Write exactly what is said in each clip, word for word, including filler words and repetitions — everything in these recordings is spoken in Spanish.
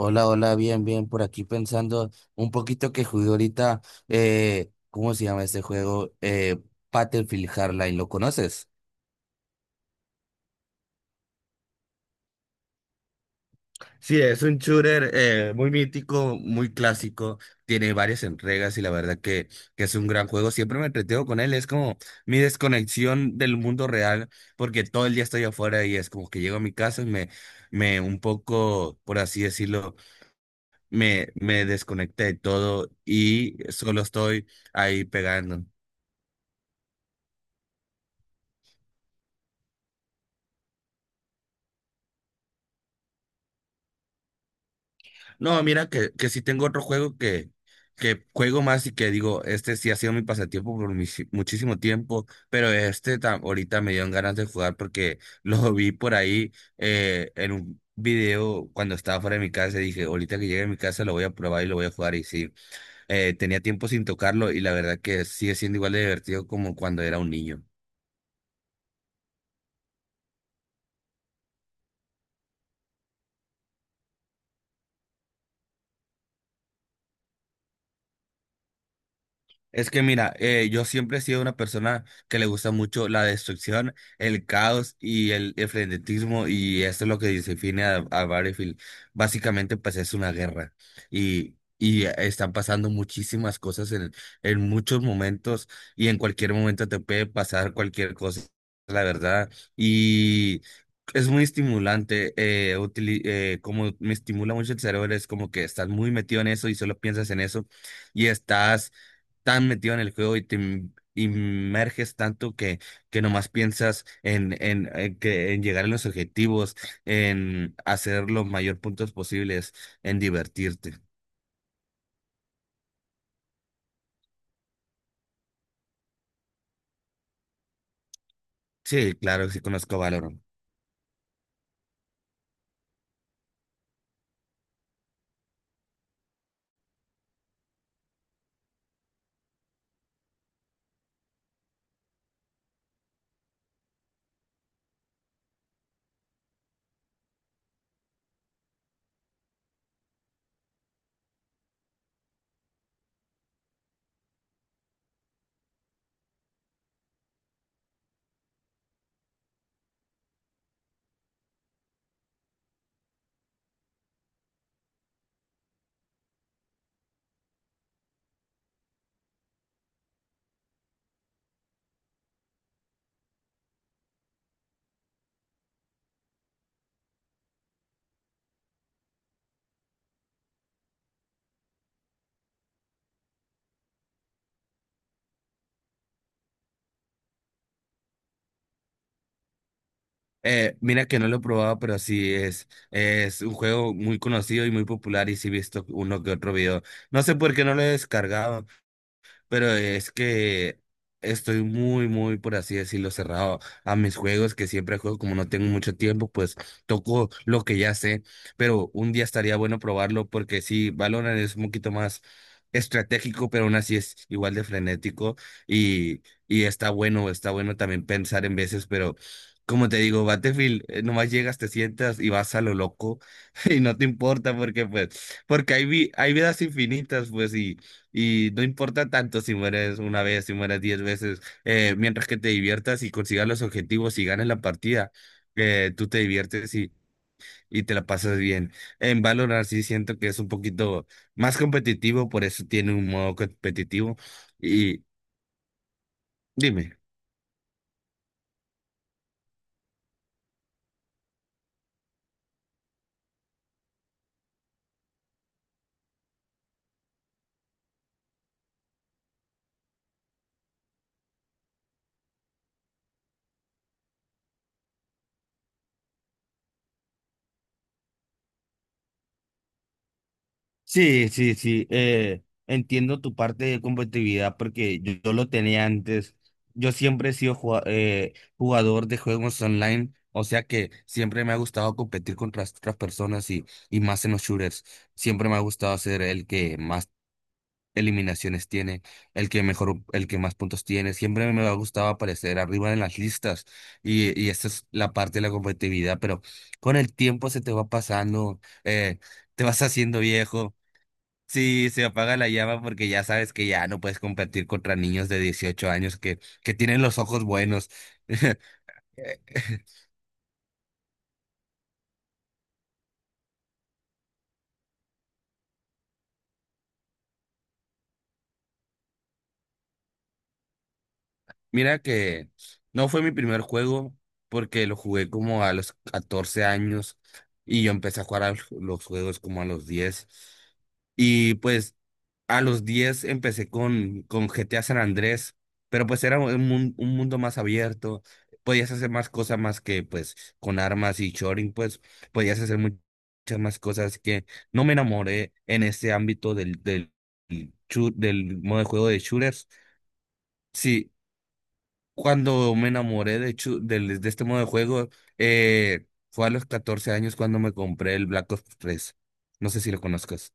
Hola, hola, bien, bien, por aquí pensando un poquito que jugué ahorita, eh, ¿cómo se llama este juego? Eh, Battlefield Hardline, ¿lo conoces? Sí, es un shooter eh, muy mítico, muy clásico, tiene varias entregas y la verdad que, que es un gran juego. Siempre me entretengo con él, es como mi desconexión del mundo real, porque todo el día estoy afuera y es como que llego a mi casa y me, me un poco, por así decirlo. Me, me desconecté de todo y solo estoy ahí pegando. No, mira que, que sí tengo otro juego que, que juego más y que digo, este sí ha sido mi pasatiempo por mis- muchísimo tiempo, pero este ta- ahorita me dieron ganas de jugar porque lo vi por ahí eh, en un video cuando estaba fuera de mi casa y dije, ahorita que llegue a mi casa lo voy a probar y lo voy a jugar y sí, eh, tenía tiempo sin tocarlo y la verdad que sigue siendo igual de divertido como cuando era un niño. Es que mira, eh, yo siempre he sido una persona que le gusta mucho la destrucción, el caos y el, el frenetismo y esto es lo que define a, a Battlefield. Básicamente pues es una guerra y, y están pasando muchísimas cosas en, en muchos momentos y en cualquier momento te puede pasar cualquier cosa, la verdad. Y es muy estimulante, eh, utili- eh, como me estimula mucho el cerebro, es como que estás muy metido en eso y solo piensas en eso y estás tan metido en el juego y te im- inmerges tanto que, que nomás piensas en, en, en que, en llegar a los objetivos, en hacer los mayor puntos posibles, en divertirte. Sí, claro, sí conozco Valorant. Eh, mira que no lo he probado, pero sí es, es un juego muy conocido y muy popular y sí he visto uno que otro video. No sé por qué no lo he descargado, pero es que estoy muy, muy, por así decirlo, cerrado a mis juegos, que siempre juego como no tengo mucho tiempo, pues toco lo que ya sé, pero un día estaría bueno probarlo porque sí, Valorant es un poquito más estratégico, pero aún así es igual de frenético y, y está bueno, está bueno también pensar en veces, pero... Como te digo, Battlefield, eh, nomás llegas, te sientas y vas a lo loco y no te importa porque pues, porque hay vi- hay vidas infinitas, pues, y, y no importa tanto si mueres una vez, si mueres diez veces, eh, mientras que te diviertas y consigas los objetivos y ganes la partida, eh, tú te diviertes y, y te la pasas bien. En Valorant sí siento que es un poquito más competitivo, por eso tiene un modo competitivo. Y dime. Sí, sí, sí, eh, entiendo tu parte de competitividad porque yo, yo lo tenía antes. Yo siempre he sido jua- eh, jugador de juegos online, o sea que siempre me ha gustado competir contra otras personas y, y más en los shooters. Siempre me ha gustado ser el que más eliminaciones tiene, el que mejor, el que más puntos tiene. Siempre me ha gustado aparecer arriba en las listas y, y esa es la parte de la competitividad, pero con el tiempo se te va pasando. Eh, te vas haciendo viejo. Sí, se apaga la llama porque ya sabes que ya no puedes competir contra niños de dieciocho años que, que tienen los ojos buenos. Mira que no fue mi primer juego porque lo jugué como a los catorce años y yo empecé a jugar a los juegos como a los diez. Y pues a los diez empecé con, con G T A San Andrés, pero pues era un, mun- un mundo más abierto, podías hacer más cosas más que pues con armas y choring, pues podías hacer mu- muchas más cosas que no me enamoré en ese ámbito del, del, shoot- del modo de juego de shooters. Sí, cuando me enamoré de, hecho, del- de este modo de juego, eh, fue a los catorce años cuando me compré el Black Ops tres. No sé si lo conozcas.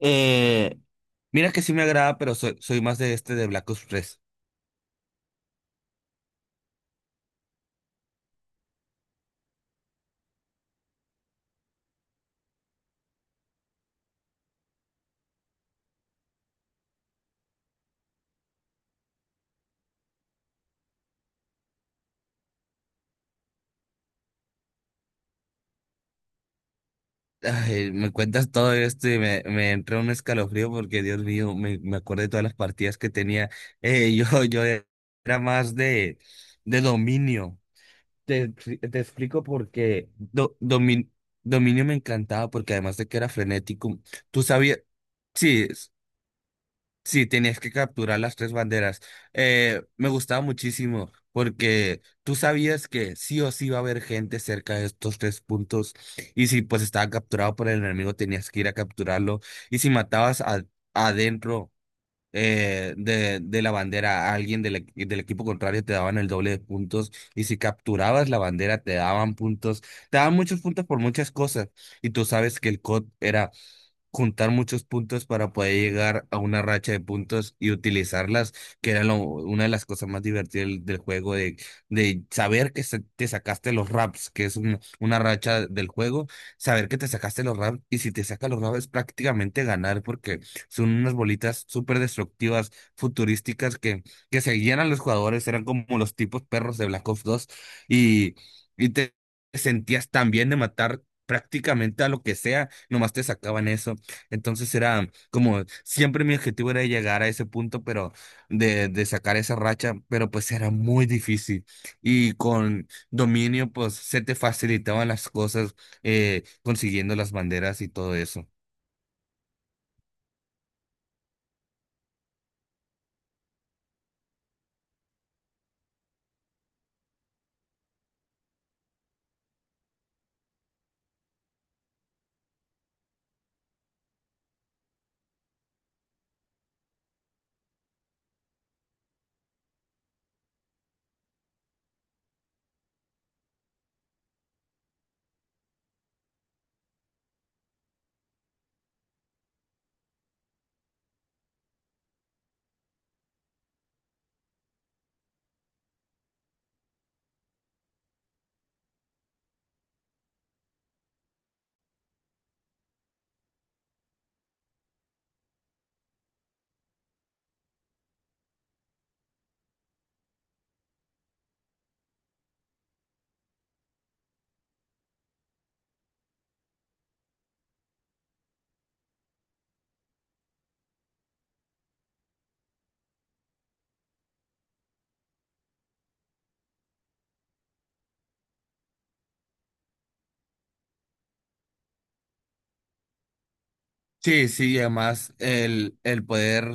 Eh, Mira que sí me agrada, pero soy, soy más de este de Black Ops tres. Ay, me cuentas todo esto y me, me entró un escalofrío porque, Dios mío, me, me acuerdo de todas las partidas que tenía. Eh, yo, yo era más de, de dominio. Te, te explico porque Do- Domin- Dominio me encantaba porque además de que era frenético, tú sabías, sí, s- sí, tenías que capturar las tres banderas. Eh, me gustaba muchísimo porque tú sabías que sí o sí iba a haber gente cerca de estos tres puntos y si pues estaba capturado por el enemigo tenías que ir a capturarlo y si matabas a- adentro eh, de, de la bandera a alguien del, equ- del equipo contrario te daban el doble de puntos y si capturabas la bandera te daban puntos, te daban muchos puntos por muchas cosas y tú sabes que el C O D era juntar muchos puntos para poder llegar a una racha de puntos y utilizarlas, que era lo- una de las cosas más divertidas del, del juego, de, de saber que se- te sacaste los raps, que es un- una racha del juego, saber que te sacaste los raps y si te sacas los raps es prácticamente ganar porque son unas bolitas súper destructivas, futurísticas, que, que seguían a los jugadores, eran como los tipos perros de Black Ops dos y, y te sentías tan bien de matar prácticamente a lo que sea, nomás te sacaban eso. Entonces era como, siempre mi objetivo era llegar a ese punto, pero de, de sacar esa racha, pero pues era muy difícil. Y con dominio, pues se te facilitaban las cosas eh, consiguiendo las banderas y todo eso. Sí, sí, y además el, el poder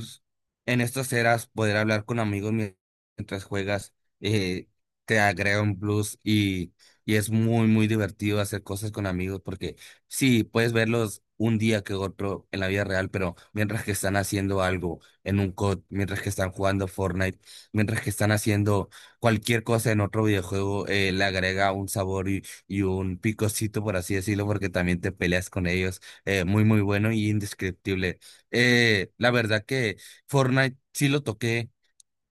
en estas eras, poder hablar con amigos mien- mientras juegas, eh, te agrega un plus y, y es muy, muy divertido hacer cosas con amigos porque sí, puedes verlos un día que otro en la vida real, pero mientras que están haciendo algo en un C O D, mientras que están jugando Fortnite, mientras que están haciendo cualquier cosa en otro videojuego, eh, le agrega un sabor y, y un picocito, por así decirlo, porque también te peleas con ellos. Eh, muy, muy bueno y indescriptible. Eh, la verdad que Fortnite sí lo toqué.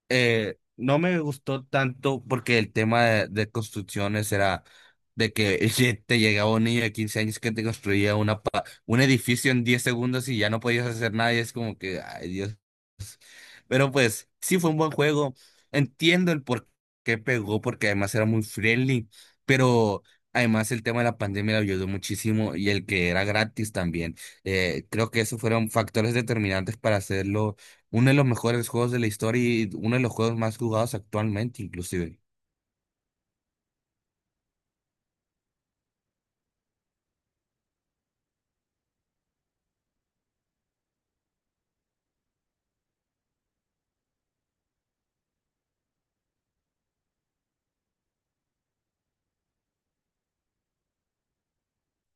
eh, no me gustó tanto porque el tema de, de construcciones era de que te llegaba un niño de quince años que te construía una, pa- un edificio en diez segundos y ya no podías hacer nada. Y es como que, ay, Dios, pero pues sí fue un buen juego. Entiendo el por qué pegó, porque además era muy friendly, pero además el tema de la pandemia le ayudó muchísimo y el que era gratis también. Eh, creo que esos fueron factores determinantes para hacerlo uno de los mejores juegos de la historia y uno de los juegos más jugados actualmente inclusive.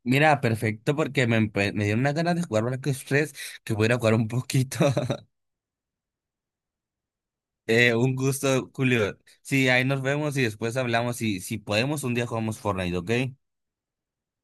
Mira, perfecto, porque me, empe- me dieron unas ganas de jugar Black Stress, que voy a ir a jugar un poquito. Eh, un gusto, Julio. Sí, ahí nos vemos y después hablamos. Y si podemos, un día jugamos Fortnite, ¿ok?